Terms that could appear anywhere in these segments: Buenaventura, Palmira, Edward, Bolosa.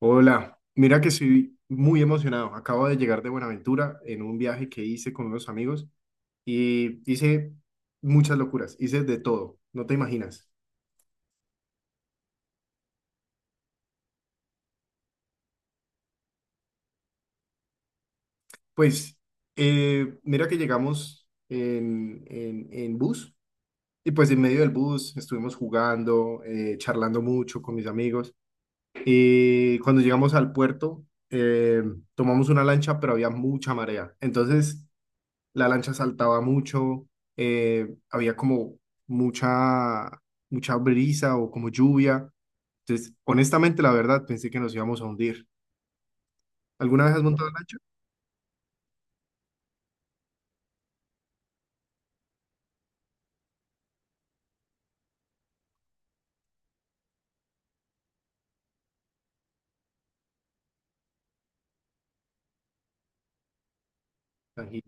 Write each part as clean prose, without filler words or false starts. Hola, mira que estoy muy emocionado. Acabo de llegar de Buenaventura en un viaje que hice con unos amigos y hice muchas locuras, hice de todo, no te imaginas. Pues mira que llegamos en bus y pues en medio del bus estuvimos jugando, charlando mucho con mis amigos y cuando llegamos al puerto eh, tomamos una lancha pero había mucha marea. Entonces la lancha saltaba mucho, había como mucha, mucha brisa o como lluvia. Entonces, honestamente, la verdad, pensé que nos íbamos a hundir. ¿Alguna vez has montado lancha? Ají.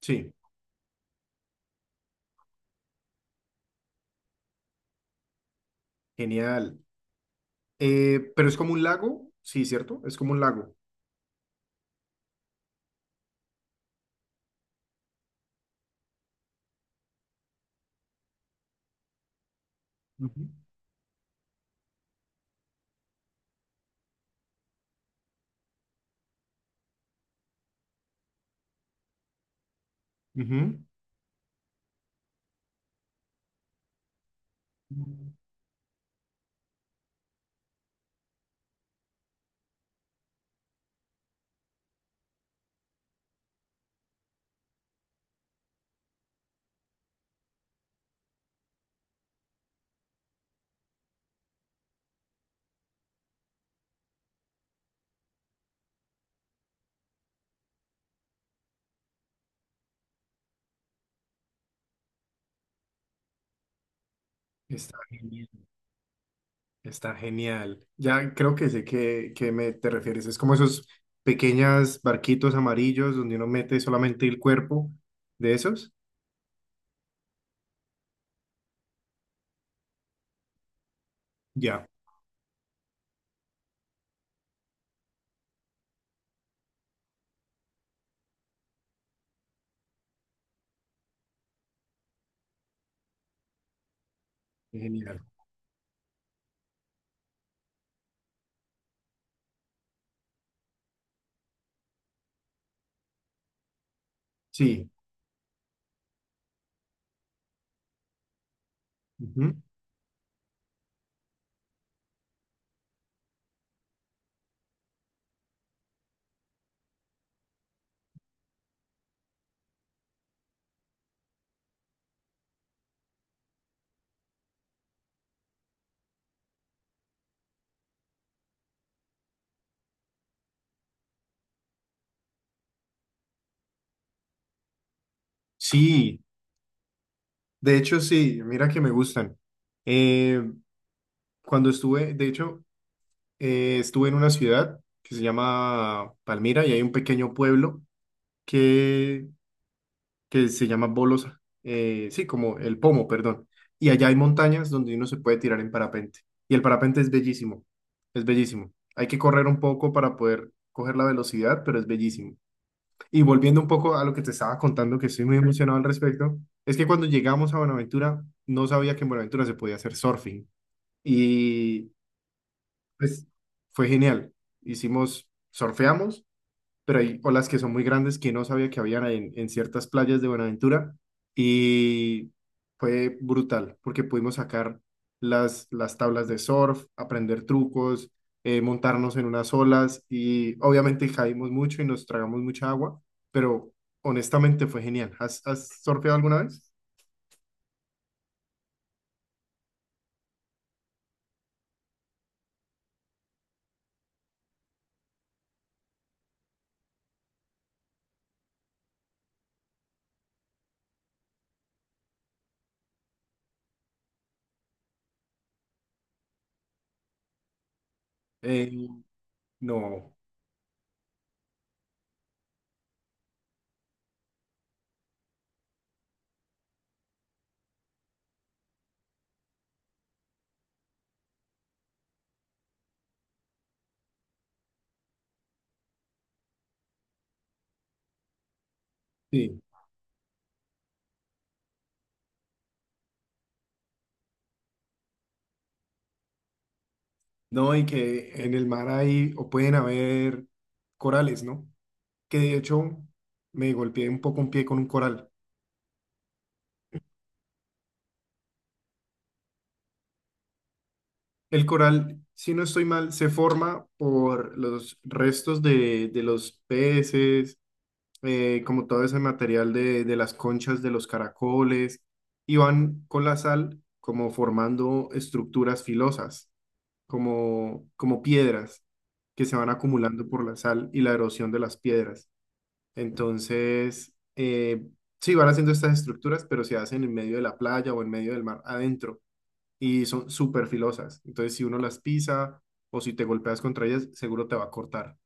Sí, genial. Pero es como un lago, sí, ¿cierto? Es como un lago. Ujú. Ujú. Está genial. Está genial. Ya creo que sé que me te refieres. Es como esos pequeños barquitos amarillos donde uno mete solamente el cuerpo de esos. Ya, genial. Sí, ujú, sí, de hecho sí, mira que me gustan. Eh, cuando estuve, de hecho, estuve en una ciudad que se llama Palmira y hay un pequeño pueblo que, que se llama Bolosa, sí, como el Pomo, perdón. Y allá hay montañas donde uno se puede tirar en parapente. Y el parapente es bellísimo, es bellísimo. Hay que correr un poco para poder coger la velocidad, pero es bellísimo. Y volviendo un poco a lo que te estaba contando, que estoy muy emocionado al respecto, es que cuando llegamos a Buenaventura, no sabía que en Buenaventura se podía hacer surfing. Y pues fue genial. Hicimos, surfeamos pero hay olas que son muy grandes que no sabía que habían en ciertas playas de Buenaventura y fue brutal porque pudimos sacar las tablas de surf, aprender trucos, montarnos en unas olas y obviamente caímos mucho y nos tragamos mucha agua, pero honestamente fue genial. ¿Has surfeado alguna vez? Eh, no, sí, no, y que en el mar hay o pueden haber corales, ¿no? Que de hecho me golpeé un poco un pie con un coral. El coral, si no estoy mal, se forma por los restos de los peces, como todo ese material de las conchas de los caracoles, y van con la sal como formando estructuras filosas, como, como piedras que se van acumulando por la sal y la erosión de las piedras. Entonces, sí, van haciendo estas estructuras, pero se hacen en medio de la playa o en medio del mar adentro y son súper filosas. Entonces, si uno las pisa o si te golpeas contra ellas, seguro te va a cortar.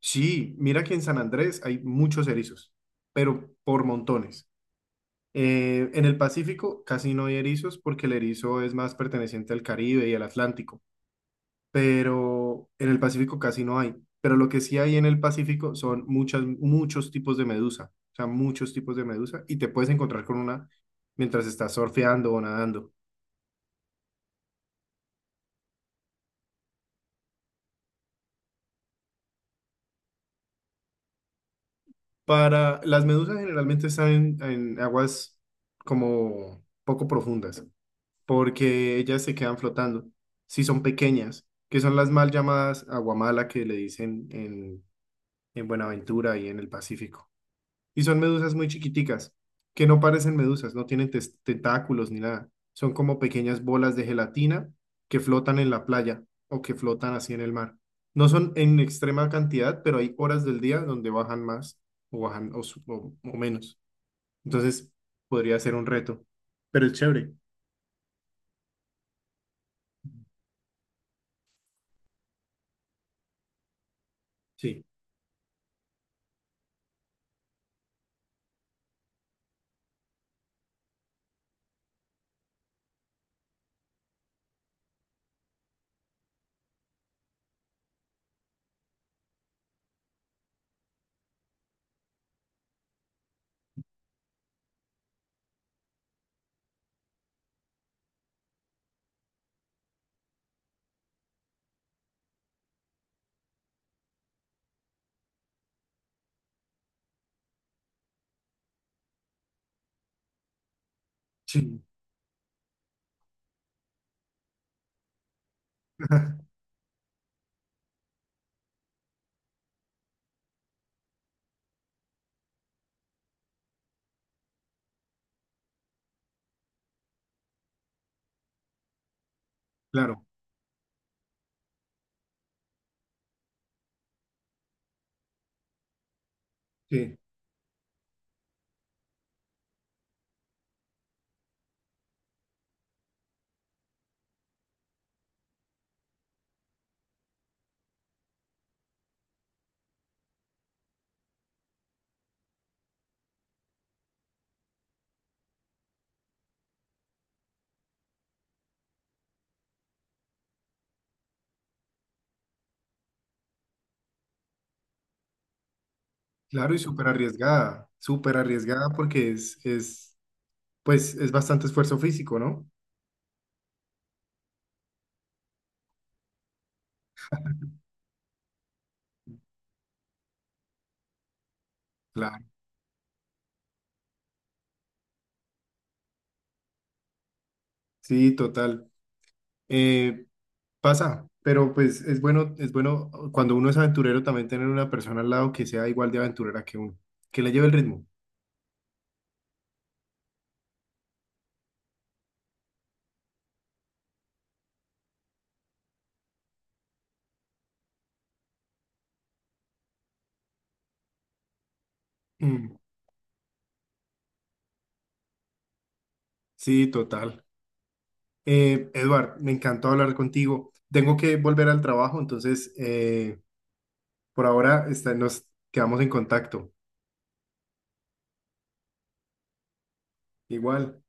Sí, mira que en San Andrés hay muchos erizos, pero por montones. En el Pacífico casi no hay erizos porque el erizo es más perteneciente al Caribe y al Atlántico, pero en el Pacífico casi no hay. Pero lo que sí hay en el Pacífico son muchas, muchos tipos de medusa, o sea, muchos tipos de medusa y te puedes encontrar con una mientras estás surfeando o nadando. Para las medusas generalmente están en aguas como poco profundas, porque ellas se quedan flotando. Si son pequeñas, que son las mal llamadas aguamala que le dicen en Buenaventura y en el Pacífico. Y son medusas muy chiquiticas, que no parecen medusas, no tienen tentáculos ni nada. Son como pequeñas bolas de gelatina que flotan en la playa o que flotan así en el mar. No son en extrema cantidad, pero hay horas del día donde bajan más o bajan o o menos. Entonces podría ser un reto, pero es chévere. Sí, sí, claro, sí, claro y súper arriesgada porque es, pues es bastante esfuerzo físico, ¿no? Claro, sí, total. Eh, pasa, pero pues es bueno cuando uno es aventurero también tener una persona al lado que sea igual de aventurera que uno, que le lleve el ritmo. Mm, sí, total. Edward, me encantó hablar contigo. Tengo que volver al trabajo, entonces por ahora nos quedamos en contacto. Igual.